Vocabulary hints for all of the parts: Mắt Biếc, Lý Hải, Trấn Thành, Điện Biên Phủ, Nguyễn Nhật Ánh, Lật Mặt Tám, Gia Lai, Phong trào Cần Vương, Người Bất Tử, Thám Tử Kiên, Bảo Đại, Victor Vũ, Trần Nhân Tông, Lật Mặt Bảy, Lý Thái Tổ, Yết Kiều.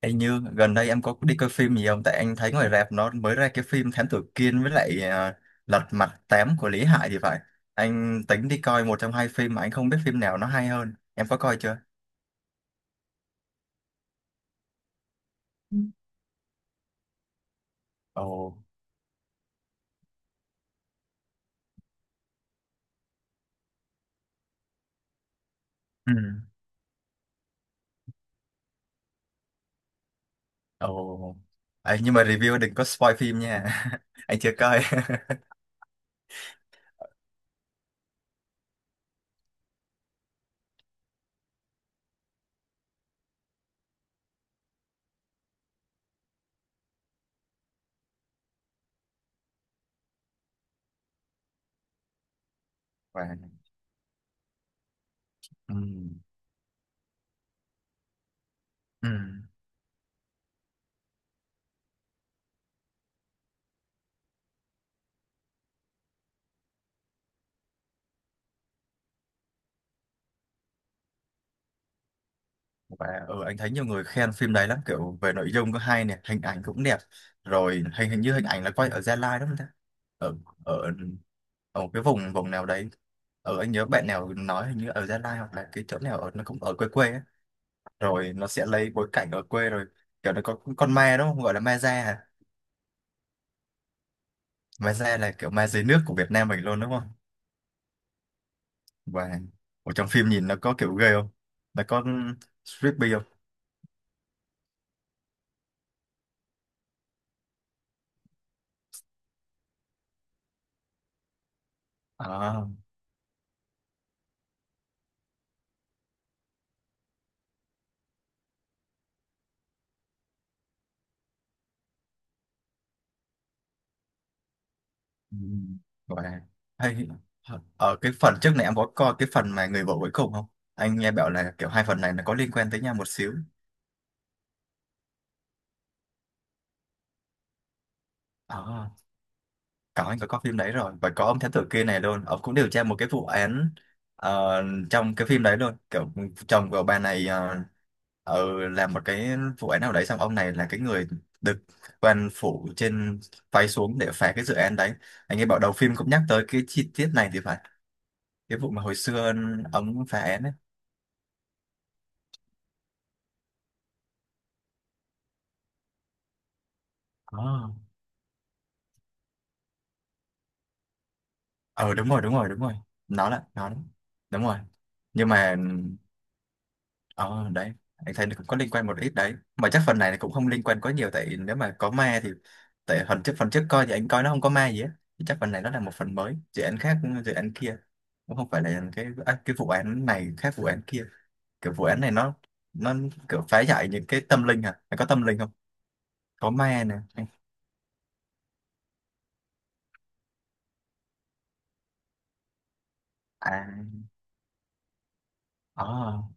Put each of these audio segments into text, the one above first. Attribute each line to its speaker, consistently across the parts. Speaker 1: Anh Như, gần đây em có đi coi phim gì không? Tại anh thấy ngoài rạp nó mới ra cái phim Thám Tử Kiên với lại Lật Mặt Tám của Lý Hải thì phải. Anh tính đi coi một trong hai phim mà anh không biết phim nào nó hay hơn. Em có coi chưa? Ừ. Ồ. Ừ. Ồ. Ấy, nhưng mà review đừng có spoil phim nha. Anh chưa coi. Và ừ. Ừ. Và anh thấy nhiều người khen phim đấy lắm, kiểu về nội dung có hay nè, hình ảnh cũng đẹp. Rồi hình hình như hình ảnh là quay ở Gia Lai đúng không ta? Ở ở ở một cái vùng vùng nào đấy, ở anh nhớ bạn nào nói hình như ở Gia Lai hoặc là cái chỗ nào ở nó cũng ở quê quê á, rồi nó sẽ lấy bối cảnh ở quê. Rồi kiểu nó có con ma đúng không, gọi là ma da à? Ma da là kiểu ma dưới nước của Việt Nam mình luôn đúng không? Và ở trong phim nhìn nó có kiểu ghê không, nó có creepy không? À, ừ, và hay ở cái phần trước này em có coi cái phần mà người vợ cuối cùng không? Anh nghe bảo là kiểu hai phần này nó có liên quan tới nhau một xíu. à, có, anh có coi phim đấy rồi và có ông thám tử kia này luôn, ông cũng điều tra một cái vụ án ờ, trong cái phim đấy luôn, kiểu chồng của bà này làm một cái vụ án nào đấy, xong ông này là cái người được quan phủ trên phái xuống để phá cái dự án đấy. Anh nghe bảo đầu phim cũng nhắc tới cái chi tiết này thì phải, cái vụ mà hồi xưa ông phá án ấy. À. Ờ đúng rồi, đúng rồi, đúng rồi, nó là nó, đúng rồi. Nhưng mà, ờ đấy, anh thấy nó cũng có liên quan một ít đấy. Mà chắc phần này là cũng không liên quan quá nhiều, tại nếu mà có ma thì tại phần trước coi thì anh coi nó không có ma gì á. Thì chắc phần này nó là một phần mới, dự án khác, dự án kia. Cũng không phải là cái cái vụ án này khác vụ án kia. Kiểu vụ án này nó kiểu phá giải những cái tâm linh à? Nó có tâm linh không? Có ma nè. À. À,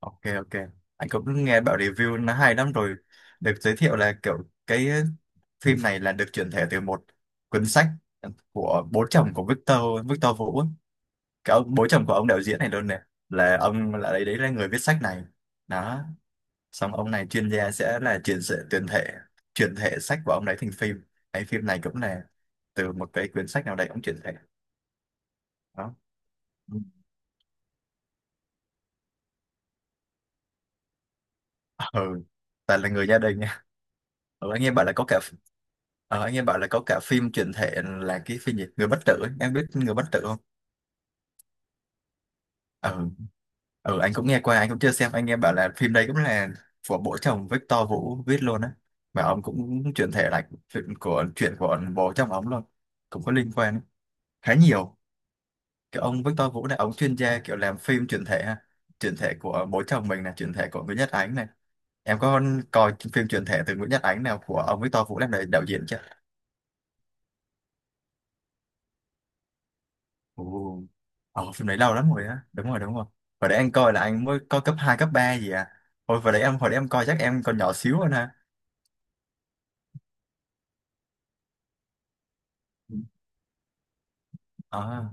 Speaker 1: ok ok. Anh cũng nghe bảo review nó hay lắm rồi. Được giới thiệu là kiểu cái phim này là được chuyển thể từ một cuốn sách của bố chồng của Victor Victor Vũ ấy. Cái ông bố chồng của ông đạo diễn này luôn này là ông là đấy, đấy là người viết sách này. Đó, xong ông này chuyên gia sẽ là chuyển thể sách của ông đấy thành phim. Cái phim này cũng là từ một cái quyển sách nào đấy ông chuyển thể. Đó. Ừ, ta là người gia đình. Ờ, anh nghe bảo là có cả anh nghe bảo là có cả phim chuyển thể là cái phim gì người bất tử ấy. Em biết người bất tử không? Ừ. Ừ, anh cũng nghe qua, anh cũng chưa xem. Anh nghe bảo là phim đây cũng là của bố chồng Victor Vũ viết luôn á, mà ông cũng chuyển thể lại chuyện của bố chồng ông luôn, cũng có liên quan khá nhiều. Cái ông Victor Vũ này ông chuyên gia kiểu làm phim chuyển thể ha, chuyển thể của bố chồng mình, là chuyển thể của Nguyễn Nhật Ánh này. Em có coi phim chuyển thể từ Nguyễn Nhật Ánh nào của ông Victor Vũ làm đạo đạo diễn chưa? Ồ. Ờ, phim đấy lâu lắm rồi á. Đúng rồi, đúng rồi. Hồi đấy anh coi là anh mới coi cấp 2 cấp 3 gì à. Hồi đấy em, hồi đấy em coi chắc em còn nhỏ xíu hơn ha. Ừ. Ờ,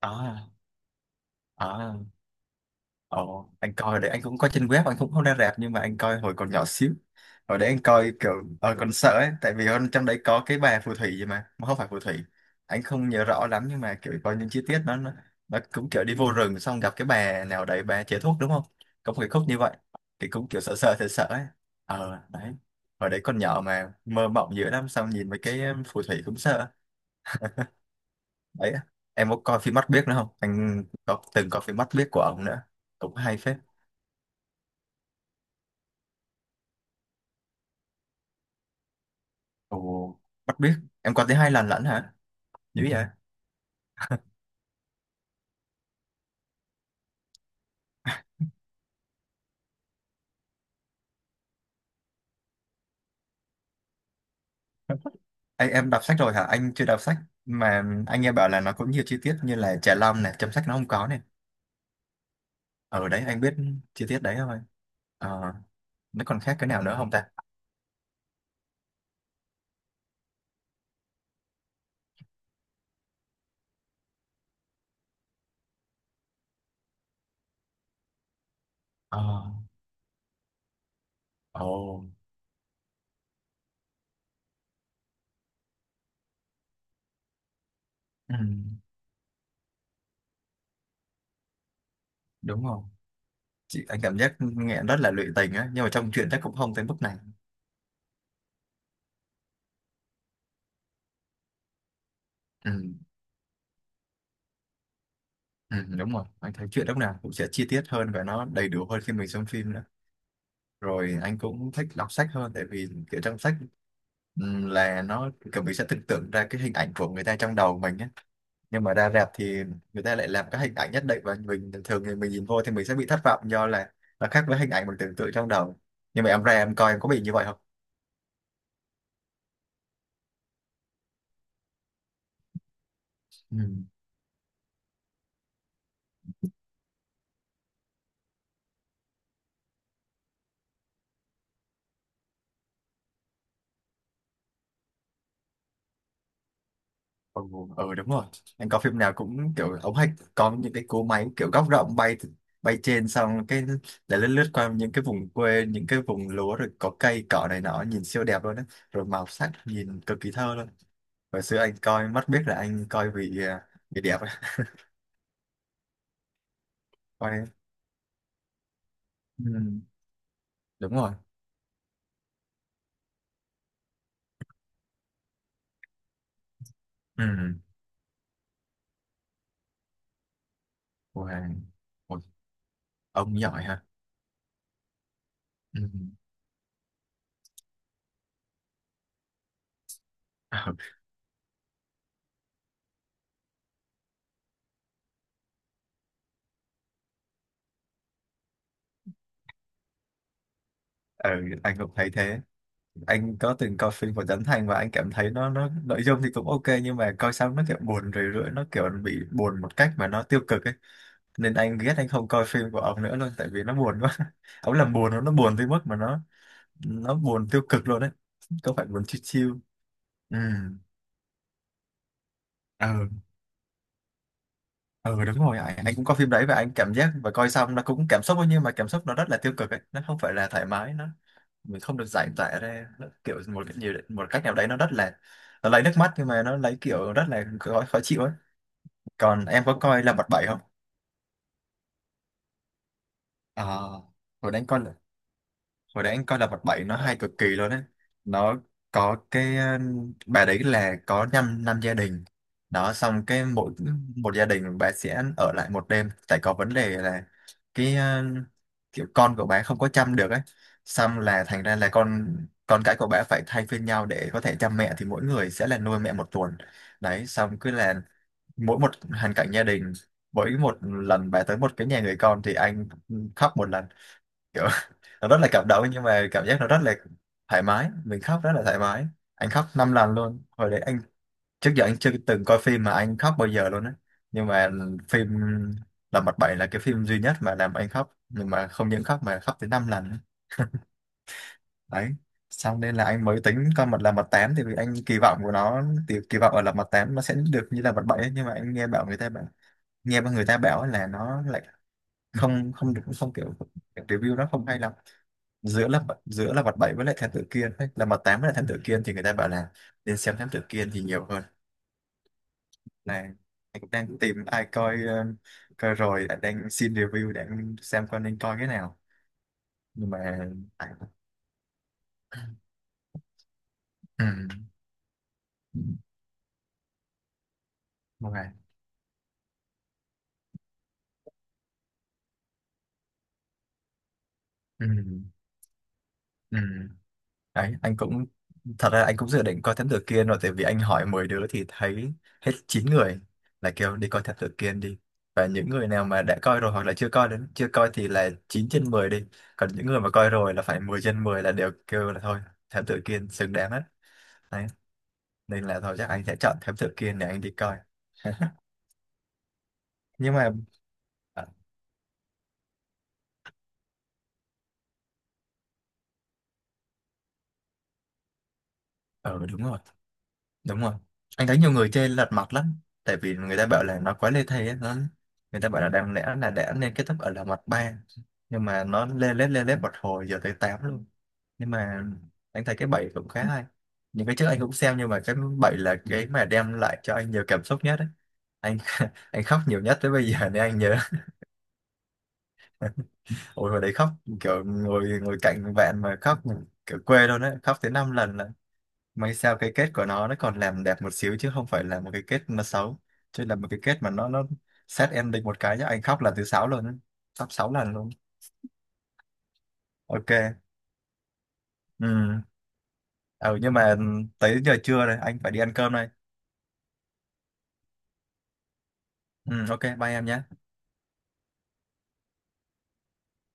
Speaker 1: ờ, ờ. Ồ, anh coi đấy anh cũng coi trên web, anh cũng không ra rạp, nhưng mà anh coi hồi còn nhỏ xíu. Hồi đấy anh coi kiểu còn sợ ấy, tại vì ở trong đấy có cái bà phù thủy gì mà không phải phù thủy, anh không nhớ rõ lắm, nhưng mà kiểu có những chi tiết nó cũng kiểu đi vô rừng xong gặp cái bà nào đấy, bà chế thuốc đúng không, có một cái khúc như vậy. Thì cũng kiểu sợ sợ sợ sợ ấy. Ờ đấy, hồi đấy con nhỏ mà mơ mộng dữ lắm, xong nhìn mấy cái phù thủy cũng sợ đấy. Em có coi phim mắt biếc nữa không, anh có từng coi phim mắt biếc của ông nữa, cũng hay phết. Ồ, bắt biết. Em có tới hai lần lận hả? Như vậy? Anh, em đọc sách rồi hả? Anh chưa đọc sách, mà anh nghe bảo là nó có nhiều chi tiết như là trà long này, chấm sách nó không có này. Ở đấy anh biết chi tiết đấy thôi. Ờ, nó còn khác cái nào nữa không ta? Ờ, ồ, ừ, đúng rồi. Chị, anh cảm giác nghe rất là lụy tình á, nhưng mà trong truyện chắc cũng không tới mức này. Ừ, ừ, đúng rồi. Anh thấy truyện lúc nào cũng sẽ chi tiết hơn và nó đầy đủ hơn khi mình xem phim nữa. Rồi anh cũng thích đọc sách hơn, tại vì kiểu trong sách là nó kiểu mình sẽ tưởng tượng ra cái hình ảnh của người ta trong đầu mình á, nhưng mà ra rạp thì người ta lại làm các hình ảnh nhất định và mình thường thì mình nhìn vô thì mình sẽ bị thất vọng, do là nó khác với hình ảnh mình tưởng tượng trong đầu. Nhưng mà em ra em coi em có bị như vậy không? Ừ. Ừ, đúng rồi, anh coi phim nào cũng kiểu ống hạch, có những cái cỗ máy kiểu góc rộng bay bay trên xong cái để lướt lướt qua những cái vùng quê những cái vùng lúa, rồi có cây cỏ này nọ nhìn siêu đẹp luôn á, rồi màu sắc nhìn cực kỳ thơ luôn. Hồi xưa anh coi mắt biết là anh coi vì đẹp á. Coi. Ừ, đúng rồi. Ừ. Wow. Ôi, ông giỏi ha. Ừ. Ừ. Ừ, anh cũng thấy thế. Anh có từng coi phim của Trấn Thành và anh cảm thấy nó nội dung thì cũng ok, nhưng mà coi xong nó kiểu buồn rười rượi, nó kiểu bị buồn một cách mà nó tiêu cực ấy. Nên anh ghét, anh không coi phim của ông nữa luôn, tại vì nó buồn quá. Ông làm buồn, nó buồn tới mức mà nó buồn tiêu cực luôn đấy. Có phải buồn chill chill? ừ ừ ừ đúng rồi anh cũng có phim đấy và anh cảm giác và coi xong nó cũng cảm xúc thôi, nhưng mà cảm xúc nó rất là tiêu cực ấy. Nó không phải là thoải mái, nó mình không được giải tỏa ra, nó kiểu một cái nhiều một cách nào đấy, nó rất là nó lấy nước mắt nhưng mà nó lấy kiểu rất là khó chịu ấy. Còn em có coi là bật bảy không? À, hồi đấy anh coi, hồi đấy anh coi là vật bảy nó hay cực kỳ luôn đấy. Nó có cái bà đấy là có năm năm gia đình đó, xong cái mỗi một gia đình bà sẽ ở lại một đêm, tại có vấn đề là cái kiểu con của bà không có chăm được ấy, xong là thành ra là con cái của bà phải thay phiên nhau để có thể chăm mẹ, thì mỗi người sẽ là nuôi mẹ một tuần. Đấy, xong cứ là mỗi một hoàn cảnh gia đình, mỗi một lần bà tới một cái nhà người con thì anh khóc một lần. Nó rất là cảm động, nhưng mà cảm giác nó rất là thoải mái, mình khóc rất là thoải mái. Anh khóc năm lần luôn hồi đấy anh. Trước giờ anh chưa từng coi phim mà anh khóc bao giờ luôn á, nhưng mà phim Lật Mặt Bảy là cái phim duy nhất mà làm anh khóc, nhưng mà không những khóc mà khóc tới năm lần đấy. Xong nên là anh mới tính coi mặt là mặt tám, thì vì anh kỳ vọng của nó, thì kỳ vọng ở là mặt tám nó sẽ được như là mặt bảy ấy. Nhưng mà anh nghe bảo người ta bảo nghe người ta bảo là nó lại không không được, không kiểu review nó không hay lắm. Giữa mặt bảy với lại thám tử kiên ấy, là mặt tám với lại thám tử kiên, thì người ta bảo là nên xem thám tử kiên thì nhiều hơn này. Anh cũng đang tìm ai coi coi rồi anh đang xin review để anh xem coi nên coi cái nào. Nhưng mà à, ừ. ok. Ừ. Ừ. Đấy, anh cũng thật ra anh cũng dự định coi Thám Tử Kiên rồi, tại vì anh hỏi 10 đứa thì thấy hết 9 người là kêu đi coi Thám Tử Kiên đi. Và những người nào mà đã coi rồi hoặc là chưa coi chưa coi thì là 9/10 đi, còn những người mà coi rồi là phải 10/10, là đều kêu là thôi Thám Tử Kiên xứng đáng hết. Đấy. Nên là thôi chắc anh sẽ chọn Thám Tử Kiên để anh đi coi. Nhưng mà ờ ừ, đúng rồi, đúng rồi, anh thấy nhiều người chơi lật mặt lắm, tại vì người ta bảo là nó quá lê thê á. Nó người ta bảo là đáng lẽ là đã nên kết thúc ở là mặt ba, nhưng mà nó lê lết một hồi giờ tới 8 luôn. Nhưng mà anh thấy cái bảy cũng khá hay, những cái trước anh cũng xem, nhưng mà cái bảy là cái mà đem lại cho anh nhiều cảm xúc nhất ấy. Anh anh khóc nhiều nhất tới bây giờ nên anh nhớ. Ôi hồi đấy khóc, kiểu ngồi ngồi cạnh bạn mà khóc, kiểu quê luôn đấy, khóc tới 5 lần. May sao cái kết của nó còn làm đẹp một xíu chứ không phải là một cái kết nó xấu, chứ là một cái kết mà nó sad ending một cái chứ anh khóc là thứ sáu luôn á. Khóc sáu lần luôn. Ok. Ừ. Ừ nhưng mà tới giờ trưa rồi anh phải đi ăn cơm đây. Ừ ok, bye em nhé.